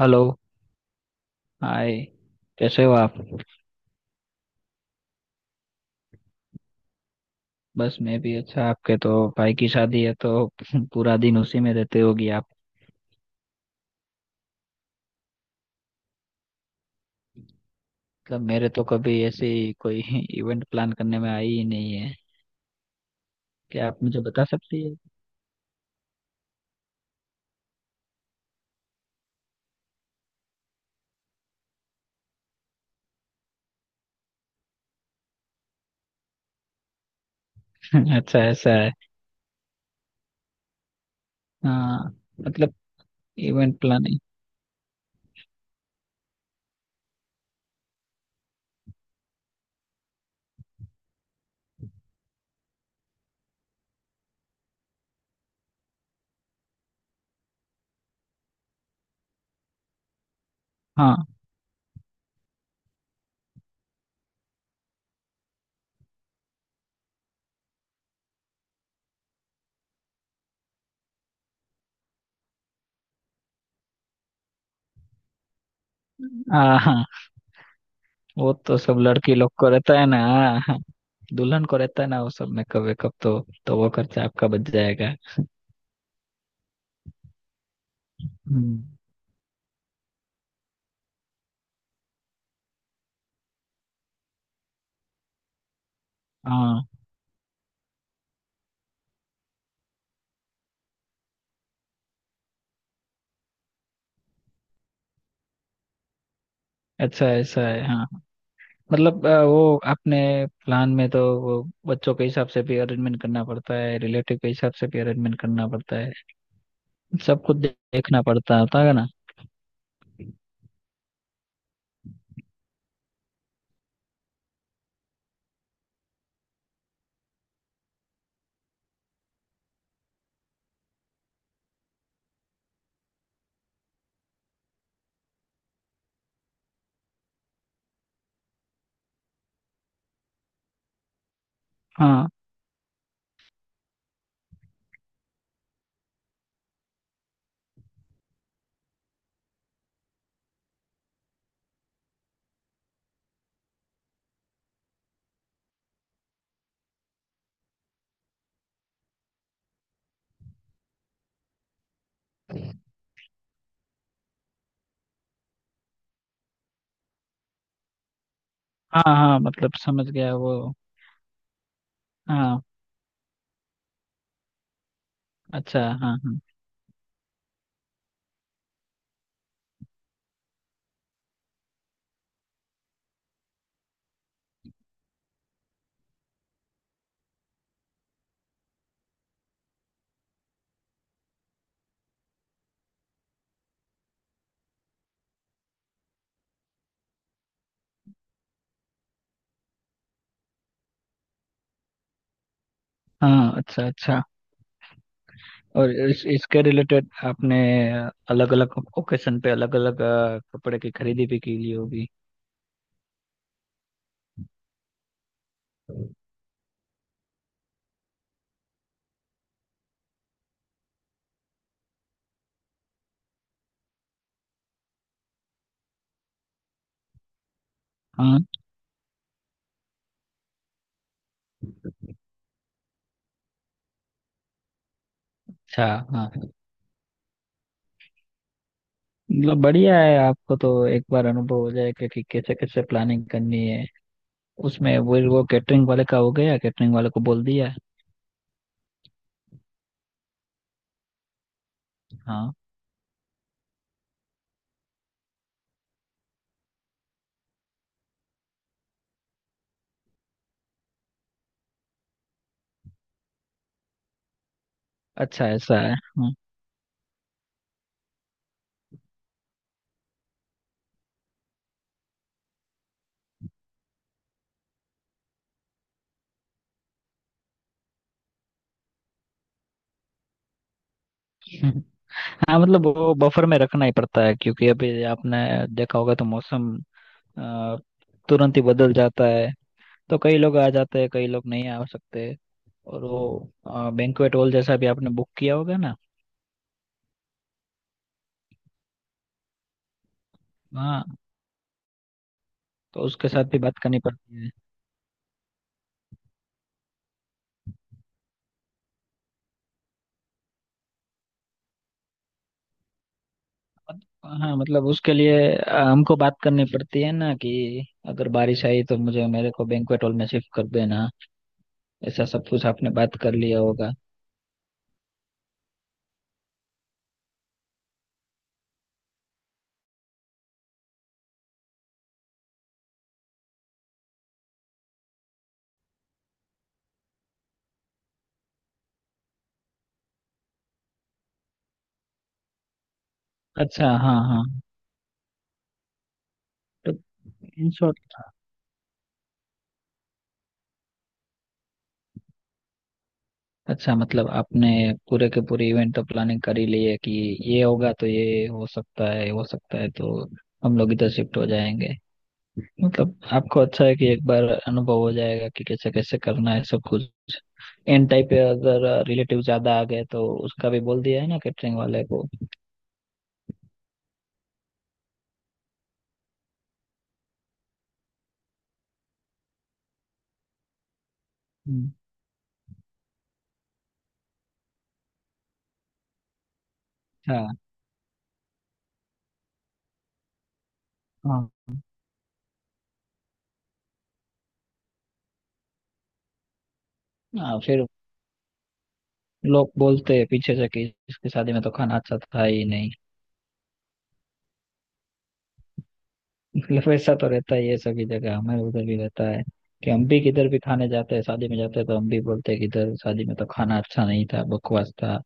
Hello, hi. कैसे हो आप? बस मैं भी अच्छा। आपके तो भाई की शादी है तो पूरा दिन उसी में रहते होगी आप। मतलब मेरे तो कभी ऐसी कोई इवेंट प्लान करने में आई ही नहीं है। क्या आप मुझे बता सकती है? अच्छा ऐसा है। हाँ। मतलब इवेंट प्लानिंग। हाँ, हाँ। हाँ, वो तो सब लड़की लोग को रहता है ना। हाँ, दुल्हन को रहता है ना वो सब मेकअप वेकअप। तो वो खर्चा आपका बच जाएगा। हम्म। हाँ, अच्छा ऐसा है। हाँ, मतलब वो अपने प्लान में तो वो बच्चों के हिसाब से भी अरेंजमेंट करना पड़ता है, रिलेटिव के हिसाब से भी अरेंजमेंट करना पड़ता है। सब कुछ देखना पड़ता होता है ना। हाँ, हाँ। हाँ, मतलब समझ गया। वो हाँ। अच्छा, हाँ, हाँ। हाँ, अच्छा अच्छा। और इसके रिलेटेड आपने अलग अलग ओकेशन पे अलग अलग कपड़े की खरीदी भी की ली होगी। हाँ, अच्छा। हाँ, मतलब बढ़िया है। आपको तो एक बार अनुभव हो जाएगा कि कैसे कैसे प्लानिंग करनी है। उसमें वो कैटरिंग वाले का हो गया? कैटरिंग वाले को बोल दिया? हाँ, अच्छा ऐसा है। हम्म। हम्म। हाँ, मतलब वो बफर में रखना ही पड़ता है, क्योंकि अभी आपने देखा होगा तो मौसम अ, तुरंत ही बदल जाता है। तो कई लोग आ जाते हैं, कई लोग नहीं आ सकते। और वो बैंक्वेट हॉल जैसा भी आपने बुक किया होगा ना। हाँ, तो उसके साथ भी बात करनी पड़ती है। हाँ, मतलब उसके लिए हमको बात करनी पड़ती है ना कि अगर बारिश आई तो मुझे मेरे को बैंक्वेट हॉल में शिफ्ट कर देना। ऐसा सब कुछ आपने बात कर लिया होगा। अच्छा, हाँ, हाँ। तो इन शॉर्ट, अच्छा मतलब आपने पूरे के पूरे इवेंट तो प्लानिंग कर ही ली है कि ये होगा तो ये हो सकता है तो हम लोग इधर शिफ्ट हो जाएंगे। मतलब आपको अच्छा है कि एक बार अनुभव हो जाएगा कि कैसे कैसे करना है सब कुछ। एन टाइप पे अगर रिलेटिव ज्यादा आ गए तो उसका भी बोल दिया है ना कैटरिंग वाले को। हम्म, हाँ, हाँ। हाँ, फिर लोग बोलते हैं पीछे से कि इसकी शादी में तो खाना अच्छा था ही नहीं। मतलब ऐसा तो रहता ही है सभी जगह। हमें उधर भी रहता है कि हम भी किधर भी खाने जाते हैं, शादी में जाते हैं तो हम भी बोलते हैं कि इधर शादी में तो खाना अच्छा नहीं था, बकवास था।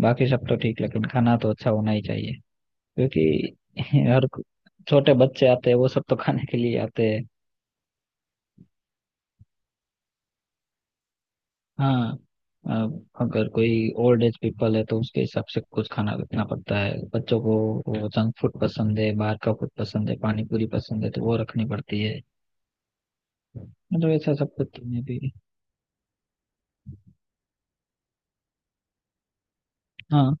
बाकी सब तो ठीक, लेकिन खाना तो अच्छा होना ही चाहिए क्योंकि हर छोटे बच्चे आते हैं वो सब तो खाने के लिए आते हैं। हाँ, अब अगर कोई ओल्ड एज पीपल है तो उसके हिसाब से कुछ खाना रखना पड़ता है। बच्चों को वो जंक फूड पसंद है, बाहर का फूड पसंद है, पानी पूरी पसंद है, तो वो रखनी पड़ती है। मतलब ऐसा सब कुछ में भी। हाँ,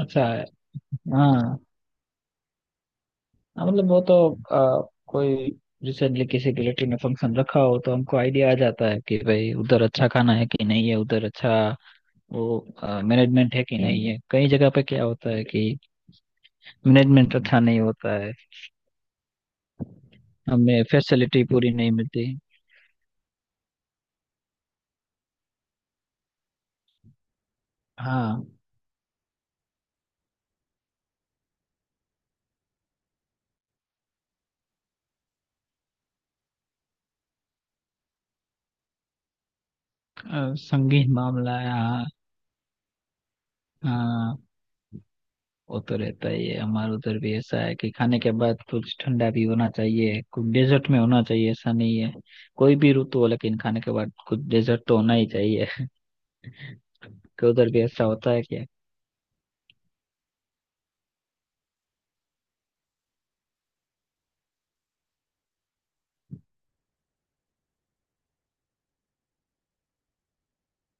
अच्छा। हाँ, हाँ, मतलब वो तो आ, कोई रिसेंटली किसी रिलेटिव ने फंक्शन रखा हो तो हमको आइडिया आ जाता है कि भाई उधर अच्छा खाना है कि नहीं है, उधर अच्छा वो मैनेजमेंट है कि नहीं है। कई जगह पे क्या होता है कि मैनेजमेंट अच्छा नहीं होता है, हमें फैसिलिटी पूरी नहीं मिलती। हाँ, संगीत मामला है। हाँ, हाँ। वो तो रहता ही है, हमारे उधर भी ऐसा है कि खाने के बाद कुछ ठंडा भी होना चाहिए, कुछ डेजर्ट में होना चाहिए। ऐसा नहीं है, कोई भी ऋतु हो लेकिन खाने के बाद कुछ डेजर्ट तो होना ही चाहिए। कि उधर भी ऐसा होता है क्या?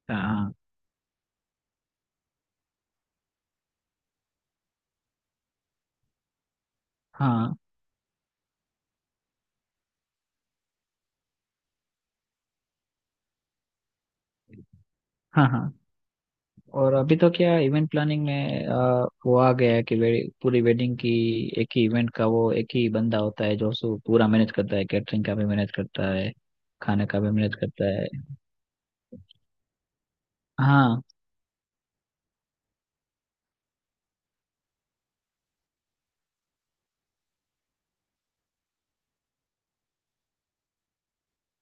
हाँ, हाँ। हाँ, हाँ। और अभी तो क्या इवेंट प्लानिंग में वो आ गया है कि पूरी वेडिंग की एक ही इवेंट का वो एक ही बंदा होता है जो पूरा मैनेज करता है, कैटरिंग का भी मैनेज करता है, खाने का भी मैनेज करता है। हाँ,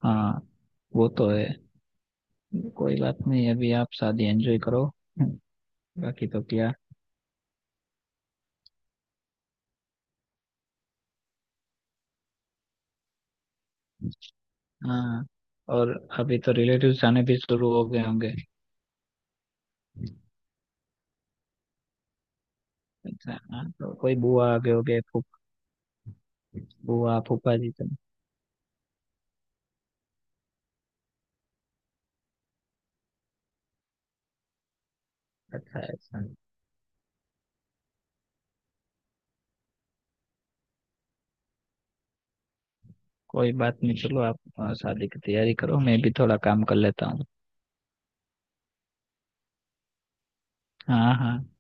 हाँ, वो तो है। कोई बात नहीं, अभी आप शादी एंजॉय करो। बाकी तो क्या। हाँ, और अभी तो रिलेटिव्स आने भी शुरू हो गए होंगे। अच्छा, हाँ, तो कोई बुआ आ गए होंगे, फूफ बुआ फूफा जी तो। अच्छा है, ऐसा। कोई बात नहीं, चलो आप शादी की तैयारी करो, मैं भी थोड़ा काम कर लेता हूँ। हाँ, हाँ।